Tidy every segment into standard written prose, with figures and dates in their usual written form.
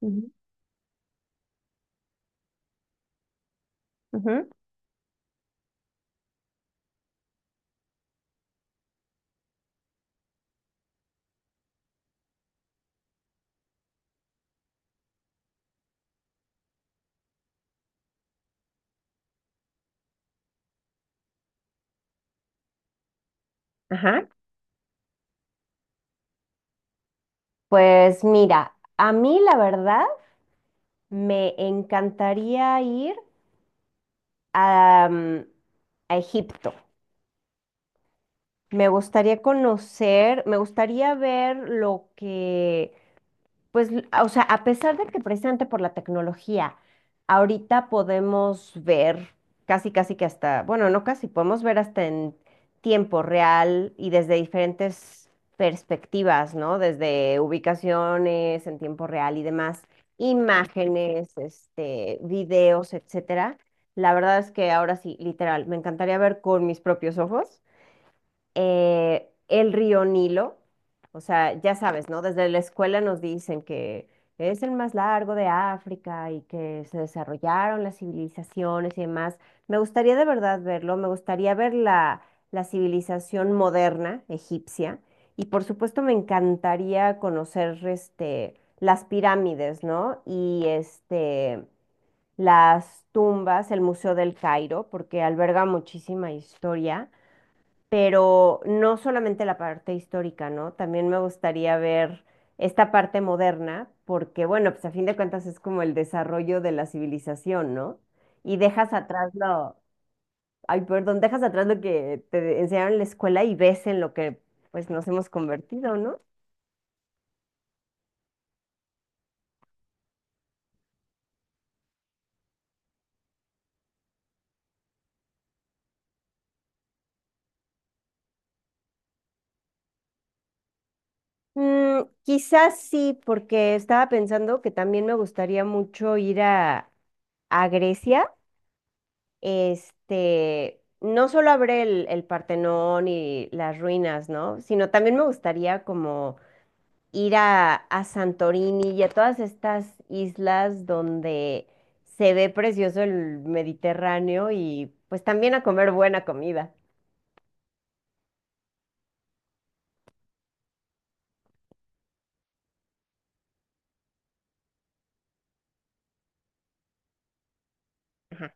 Ujú, ujú, ajá. Pues mira, a mí la verdad me encantaría ir a, mm, a Egipto. Me gustaría conocer, me gustaría ver lo que... Pues, o sea, a pesar de que precisamente por la tecnología, ahorita podemos ver casi, casi que hasta, bueno, no casi, podemos ver hasta en tiempo real y desde diferentes perspectivas, ¿no? Desde ubicaciones en tiempo real y demás, imágenes, este, videos, etcétera. La verdad es que ahora sí, literal, me encantaría ver con mis propios ojos el río Nilo, o sea, ya sabes, ¿no? Desde la escuela nos dicen que es el más largo de África y que se desarrollaron las civilizaciones y demás. Me gustaría de verdad verlo, me gustaría ver la civilización moderna egipcia y por supuesto me encantaría conocer este, las pirámides, ¿no? Y este, las tumbas, el Museo del Cairo, porque alberga muchísima historia, pero no solamente la parte histórica, ¿no? También me gustaría ver esta parte moderna, porque bueno, pues a fin de cuentas es como el desarrollo de la civilización, ¿no? Y dejas atrás lo... Ay, perdón, dejas atrás lo que te enseñaron en la escuela y ves en lo que pues nos hemos convertido, ¿no? Mm, quizás sí, porque estaba pensando que también me gustaría mucho ir a Grecia. Este, no solo habré el Partenón y las ruinas, ¿no? Sino también me gustaría como ir a Santorini y a todas estas islas donde se ve precioso el Mediterráneo y pues también a comer buena comida. Ajá.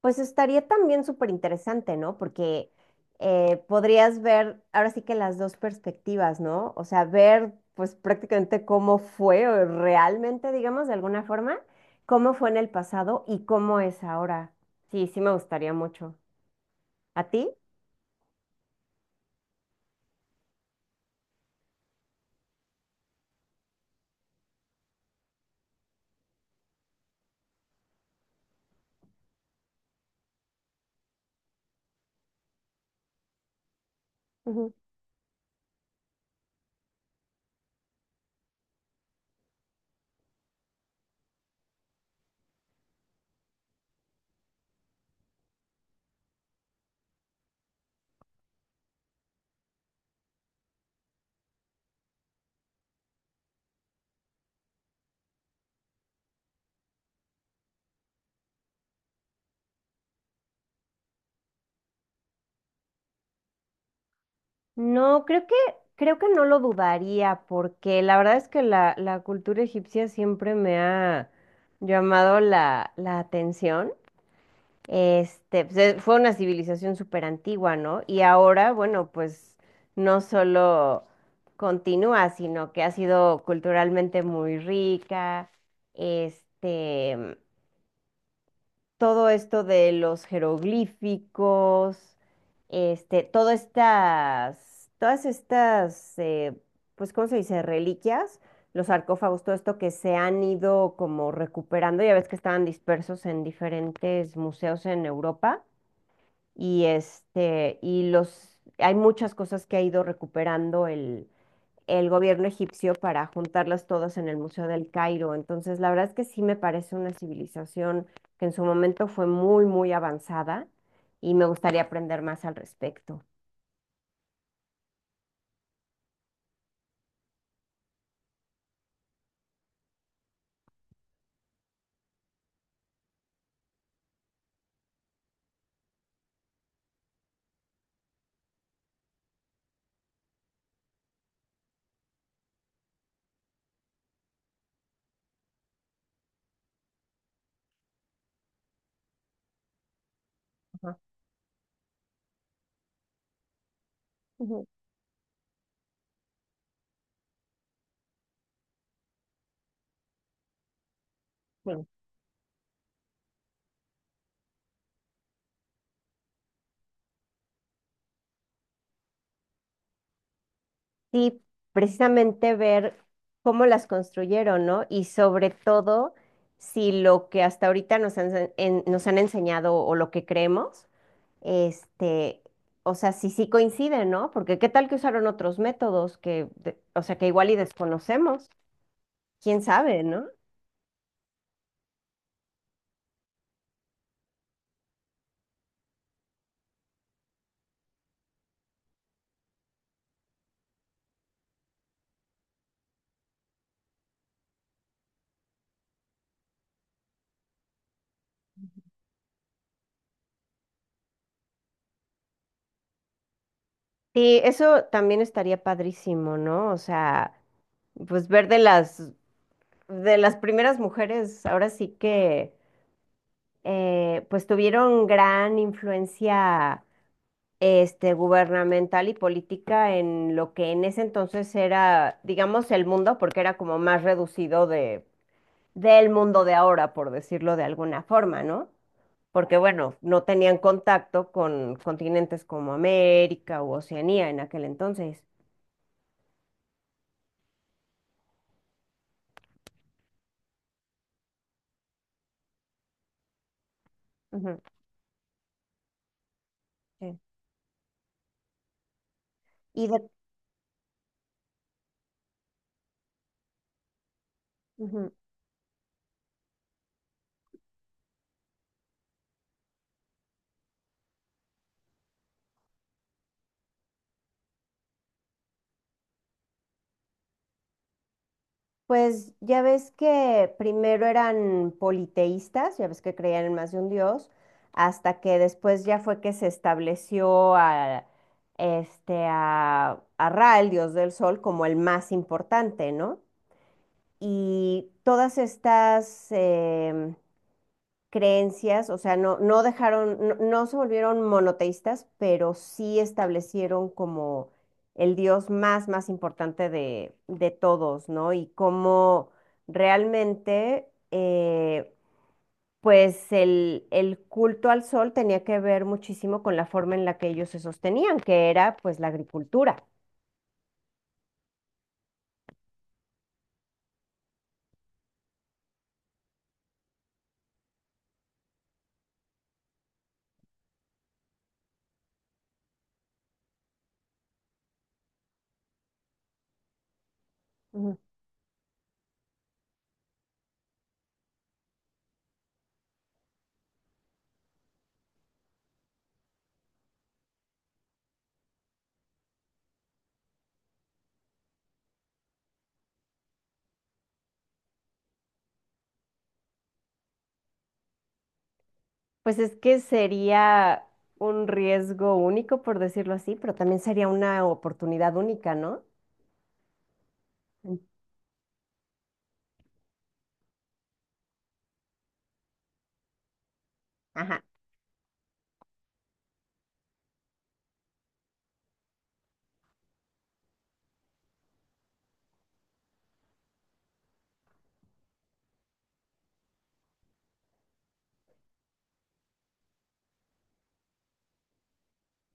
Pues estaría también súper interesante, ¿no? Porque podrías ver ahora sí que las dos perspectivas, ¿no? O sea, ver pues prácticamente cómo fue o realmente, digamos, de alguna forma, cómo fue en el pasado y cómo es ahora. Sí, sí me gustaría mucho. ¿A ti? Ujú. No, creo que no lo dudaría, porque la verdad es que la cultura egipcia siempre me ha llamado la atención. Este, pues, fue una civilización súper antigua, ¿no? Y ahora, bueno, pues no solo continúa, sino que ha sido culturalmente muy rica. Este, todo esto de los jeroglíficos, este, todas estas, pues, ¿cómo se dice? Reliquias, los sarcófagos, todo esto que se han ido como recuperando, ya ves que estaban dispersos en diferentes museos en Europa y este, y los, hay muchas cosas que ha ido recuperando el gobierno egipcio para juntarlas todas en el Museo del Cairo. Entonces, la verdad es que sí me parece una civilización que en su momento fue muy, muy avanzada y me gustaría aprender más al respecto. Ajá. Ujú. Bueno. Sí, precisamente ver cómo las construyeron, ¿no? Y sobre todo, si lo que hasta ahorita nos han enseñado o lo que creemos... Este, o sea, sí, sí coinciden, ¿no? Porque qué tal que usaron otros métodos que, o sea, que igual y desconocemos, quién sabe, ¿no? Sí, eso también estaría padrísimo, ¿no? O sea, pues ver de las, primeras mujeres, ahora sí que, pues tuvieron gran influencia, este, gubernamental y política en lo que en ese entonces era, digamos, el mundo, porque era como más reducido de del mundo de ahora, por decirlo de alguna forma, ¿no? Porque bueno, no tenían contacto con continentes como América u Oceanía en aquel entonces. Ujú. Sí. Y de... Ujú. Pues ya ves que primero eran politeístas, ya ves que creían en más de un dios, hasta que después ya fue que se estableció a Ra, el dios del sol, como el más importante, ¿no? Y todas estas, creencias, o sea, no, no dejaron, no, no se volvieron monoteístas, pero sí establecieron como el dios más, más importante de todos, ¿no? Y cómo realmente, pues el culto al sol tenía que ver muchísimo con la forma en la que ellos se sostenían, que era pues la agricultura. Ujú. Pues es que sería un riesgo único, por decirlo así, pero también sería una oportunidad única, ¿no? Mm. Ajá.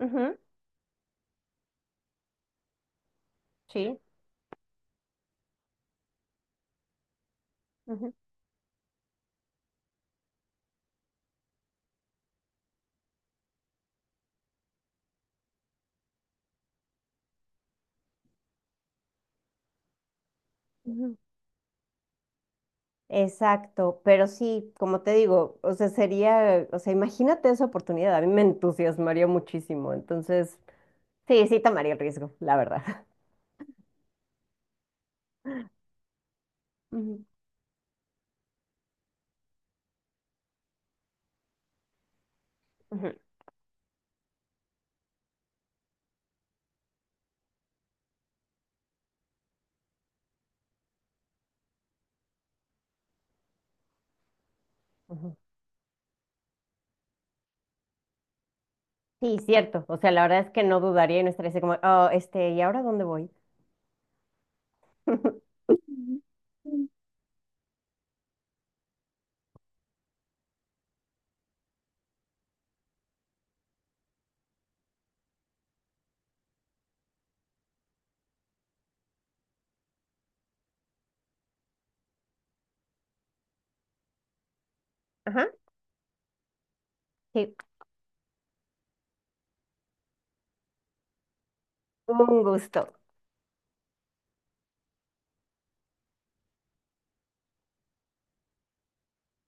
Ujú. Sí. Ujú. Ujú. Exacto, pero sí, como te digo, o sea, sería, o sea, imagínate esa oportunidad, a mí me entusiasmaría muchísimo, entonces, sí, sí tomaría el riesgo, la verdad. Ujú. Ujú. Ujú. Sí, cierto, o sea, la verdad es que no dudaría y no estaría así como, oh, este, ¿y ahora dónde voy? Ujú. Ajá. Sí, un gusto.